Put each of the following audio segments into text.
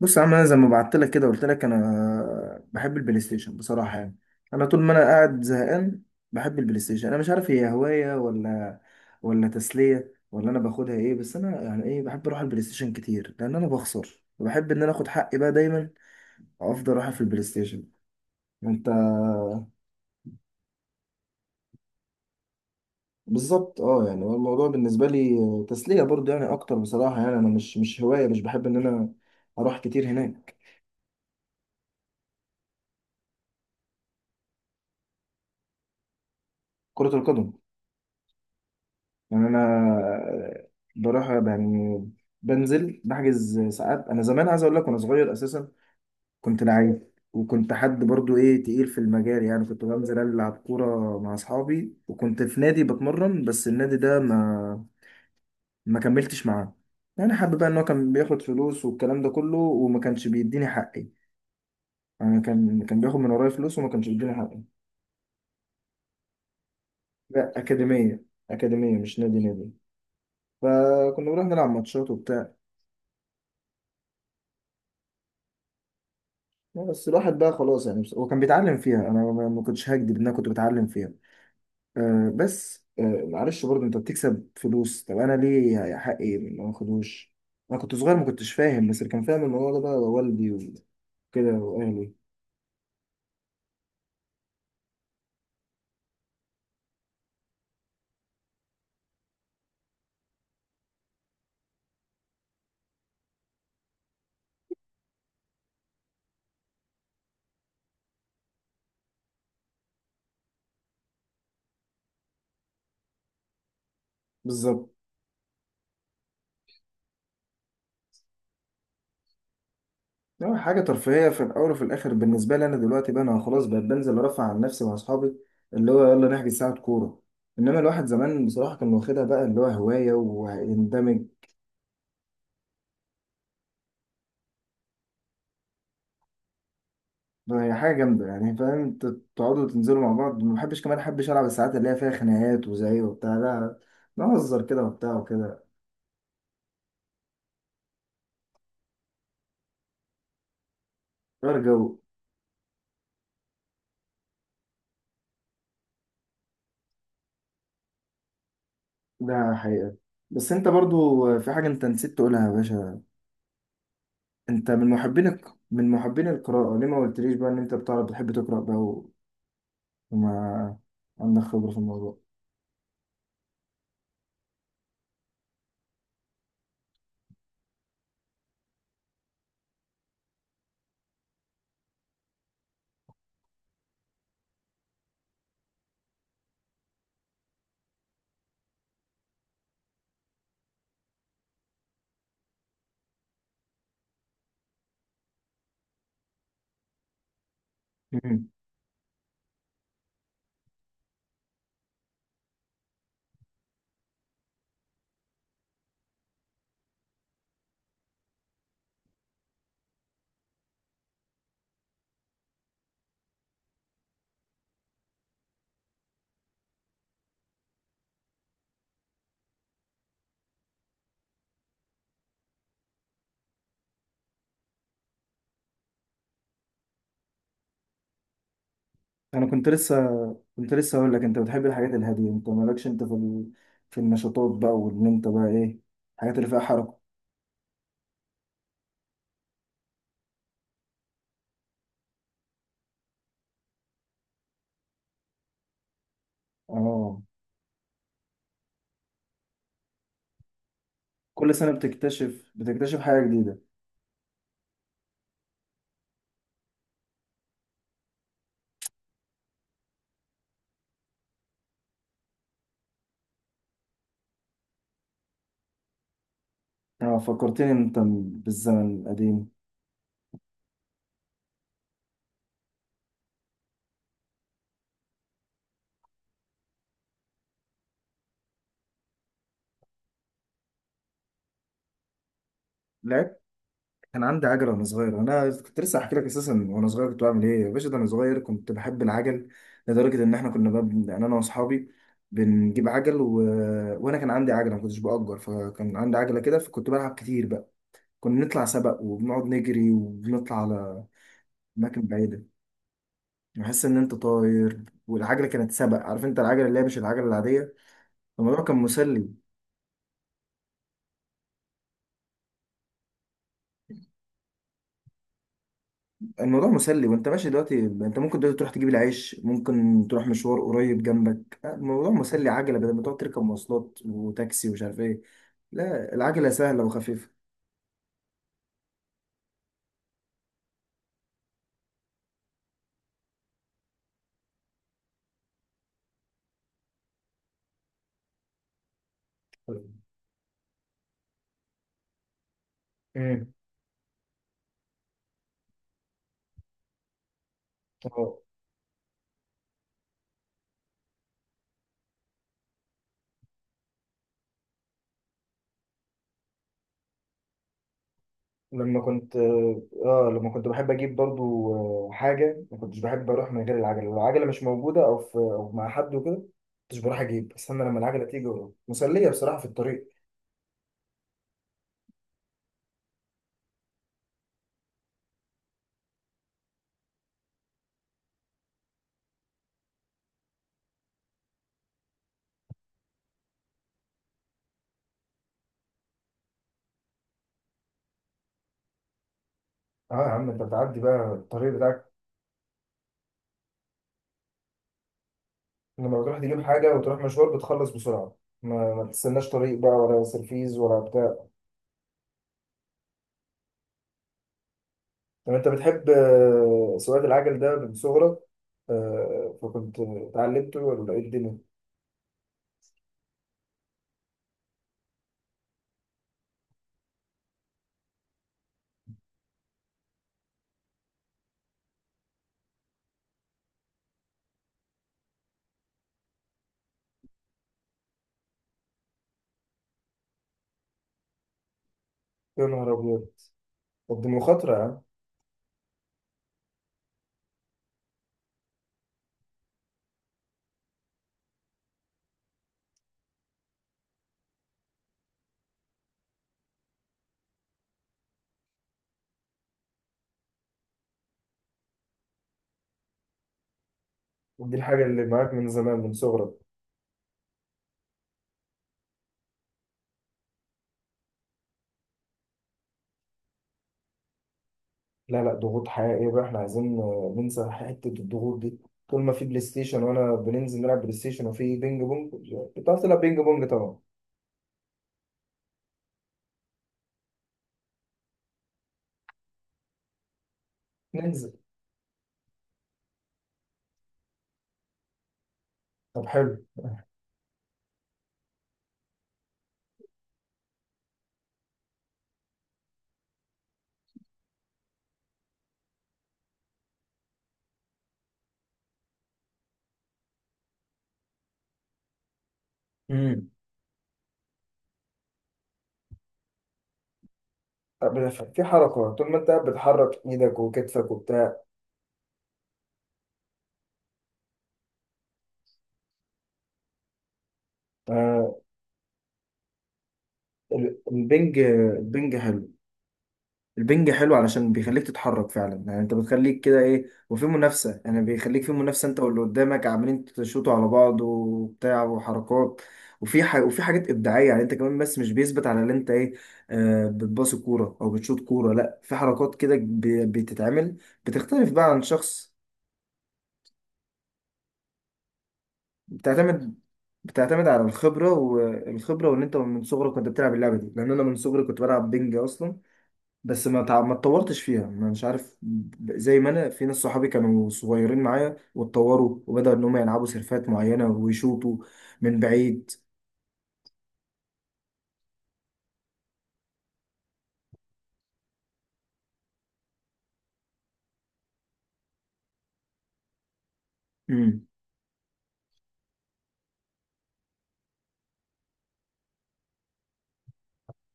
بص يا عم، انا زي ما بعت لك كده قلت لك انا بحب البلاي ستيشن بصراحه. يعني انا طول ما انا قاعد زهقان بحب البلاي ستيشن. انا مش عارف هي هوايه ولا تسليه ولا انا باخدها ايه. بس انا يعني ايه، بحب اروح البلاي ستيشن كتير لان انا بخسر وبحب ان انا اخد حقي بقى دايما، وافضل اروح في البلاي ستيشن. انت؟ بالظبط. اه، يعني هو الموضوع بالنسبه لي تسليه برضه يعني اكتر بصراحه. يعني انا مش هوايه، مش بحب ان انا اروح كتير هناك. كره القدم. يعني انا بروح يعني، بنزل بحجز ساعات. انا زمان عايز اقول لك، وانا صغير اساسا كنت لعيب، وكنت حد برضو ايه، تقيل في المجال. يعني كنت بنزل العب كوره مع اصحابي، وكنت في نادي بتمرن، بس النادي ده ما كملتش معاه. يعني حابب بقى ان هو كان بياخد فلوس والكلام ده كله وما كانش بيديني حقي. يعني كان بياخد من ورايا فلوس وما كانش بيديني حقي. لا، اكاديميه اكاديميه مش نادي نادي. فكنا بنروح نلعب ماتشات وبتاع. لا، بس الواحد بقى خلاص يعني، هو كان بيتعلم فيها. انا ما كنتش هكدب ان انا كنت بتعلم فيها. أه بس أه، معلش، برضه انت بتكسب فلوس، طب انا ليه يا حقي ما اخدوش. انا كنت صغير ما كنتش فاهم، بس اللي كان فاهم الموضوع ده بقى والدي وكده واهلي. بالظبط. يعني حاجه ترفيهيه في الاول وفي الاخر بالنسبه لي. انا دلوقتي بقى انا خلاص بقيت بنزل ارفع عن نفسي مع اصحابي، اللي هو يلا نحجز ساعه كوره. انما الواحد زمان بصراحه كان واخدها بقى اللي هو هوايه ويندمج. هي حاجة جامدة، يعني فاهم انت، تقعدوا تنزلوا مع بعض. ما بحبش كمان احبش العب الساعات اللي هي فيها خناقات وزعيق وبتاع، لا، نهزر كده وبتاع وكده. غير جو. ده حقيقة. بس انت برضو في حاجة انت نسيت تقولها يا باشا. انت من محبين من محبين القراءة. ليه ما قلتليش بقى ان انت بتعرف بتحب تقرأ بقى وما عندك خبرة في الموضوع؟ مم. انا كنت لسه كنت لسه هقول لك انت بتحب الحاجات الهادية. انت مالكش انت في في النشاطات بقى، وان انت بقى ايه، الحاجات اللي فيها حركة. اه. كل سنة بتكتشف حاجة جديدة. اه، فكرتني انت بالزمن القديم. لعبت. كان عندي عجلة وانا صغير. انا كنت لسه هحكي لك اساسا، وانا صغير كنت بعمل ايه يا باشا، ده انا صغير كنت بحب العجل لدرجة ان احنا كنا يعني انا واصحابي بنجيب عجل وانا كان عندي عجلة ما كنتش بأجر. فكان عندي عجلة كده فكنت بلعب كتير بقى. كنا نطلع سبق وبنقعد نجري وبنطلع على اماكن بعيدة. بحس ان انت طاير. والعجلة كانت سبق، عارف انت، العجلة اللي هي مش العجلة العادية. الموضوع كان مسلي. الموضوع مسلي. وانت ماشي دلوقتي انت ممكن دلوقتي تروح تجيب العيش، ممكن تروح مشوار قريب جنبك، الموضوع مسلي. عجلة بدل ما تقعد تركب مواصلات وتاكسي ومش عارف ايه. لا، العجلة سهلة وخفيفة. امم. اه، لما كنت بحب اجيب برضو حاجه، ما كنتش بحب اروح من غير العجله. لو العجله مش موجوده او مع حد وكده، ما كنتش بروح اجيب، استنى لما العجله تيجي وأروح. مسليه بصراحه في الطريق. اه يا عم، انت بتعدي بقى الطريق بتاعك. لما بتروح تجيب حاجة وتروح مشوار بتخلص بسرعة، ما تستناش طريق بقى ولا سرفيز ولا بتاع. طب انت بتحب سواقة العجل ده من صغرك، فكنت اتعلمته ولا ايه الدنيا؟ يا نهار أبيض. طب دي مخاطرة يعني. دي الحاجة اللي معاك من زمان، من صغرك. لا لا، ضغوط حقيقية بقى، احنا عايزين ننسى حتة الضغوط دي. طول ما في بلاي ستيشن وانا بننزل نلعب بلاي ستيشن. وفي بينج بونج، بتعرف تلعب بينج بونج طبعا. ننزل. طب حلو. مم. في حركة. طول ما انت قاعد بتحرك ايدك وكتفك وبتاع. آه، البنج حلو. البنج حلو علشان بيخليك تتحرك فعلا. يعني انت بتخليك كده ايه، وفي منافسة، يعني بيخليك في منافسة، انت واللي قدامك عمالين تشوطوا على بعض وبتاع وحركات. وفي حاجات ابداعيه، يعني انت كمان، بس مش بيثبت على اللي انت ايه. بتباصي كوره او بتشوط كوره، لا، في حركات كده بتتعمل، بتختلف بقى عن شخص. بتعتمد بتعتمد على الخبرة. والخبرة وإن أنت من صغرك كنت بتلعب اللعبة دي. لأن أنا من صغري كنت بلعب بينج أصلا. بس ما اتطورتش فيها، ما مش عارف، زي ما أنا في ناس صحابي كانوا صغيرين معايا واتطوروا وبدأوا إن هم يلعبوا سيرفات معينة ويشوطوا من بعيد. امم.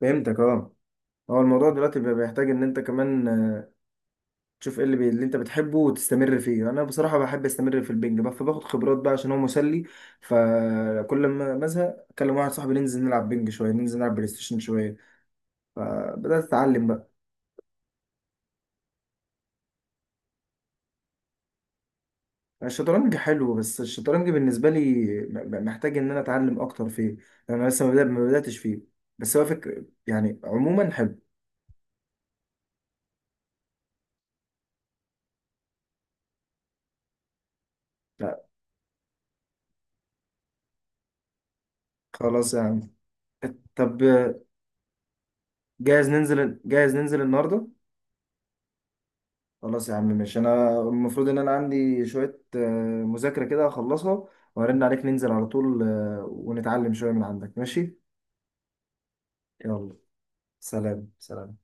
فهمتك أه. هو الموضوع دلوقتي بقى بيحتاج إن أنت كمان تشوف ايه اللي انت بتحبه وتستمر فيه. انا بصراحه بحب استمر في البنج بقى، فباخد خبرات بقى عشان هو مسلي. فكل ما بزهق اكلم واحد صاحبي، ننزل نلعب بنج شويه، ننزل نلعب بلاي ستيشن شويه. فبدات اتعلم بقى. الشطرنج حلو، بس الشطرنج بالنسبه لي محتاج ان انا اتعلم اكتر فيه. لأن انا لسه ما بداتش فيه. بس هو فكر، يعني عموما حلو. لا. خلاص يا عم. طب جاهز ننزل، جاهز ننزل النهارده؟ خلاص يا عم ماشي. انا المفروض ان انا عندي شوية مذاكرة كده اخلصها، وارن عليك، ننزل على طول، ونتعلم شوية من عندك. ماشي. يلا. سلام سلام.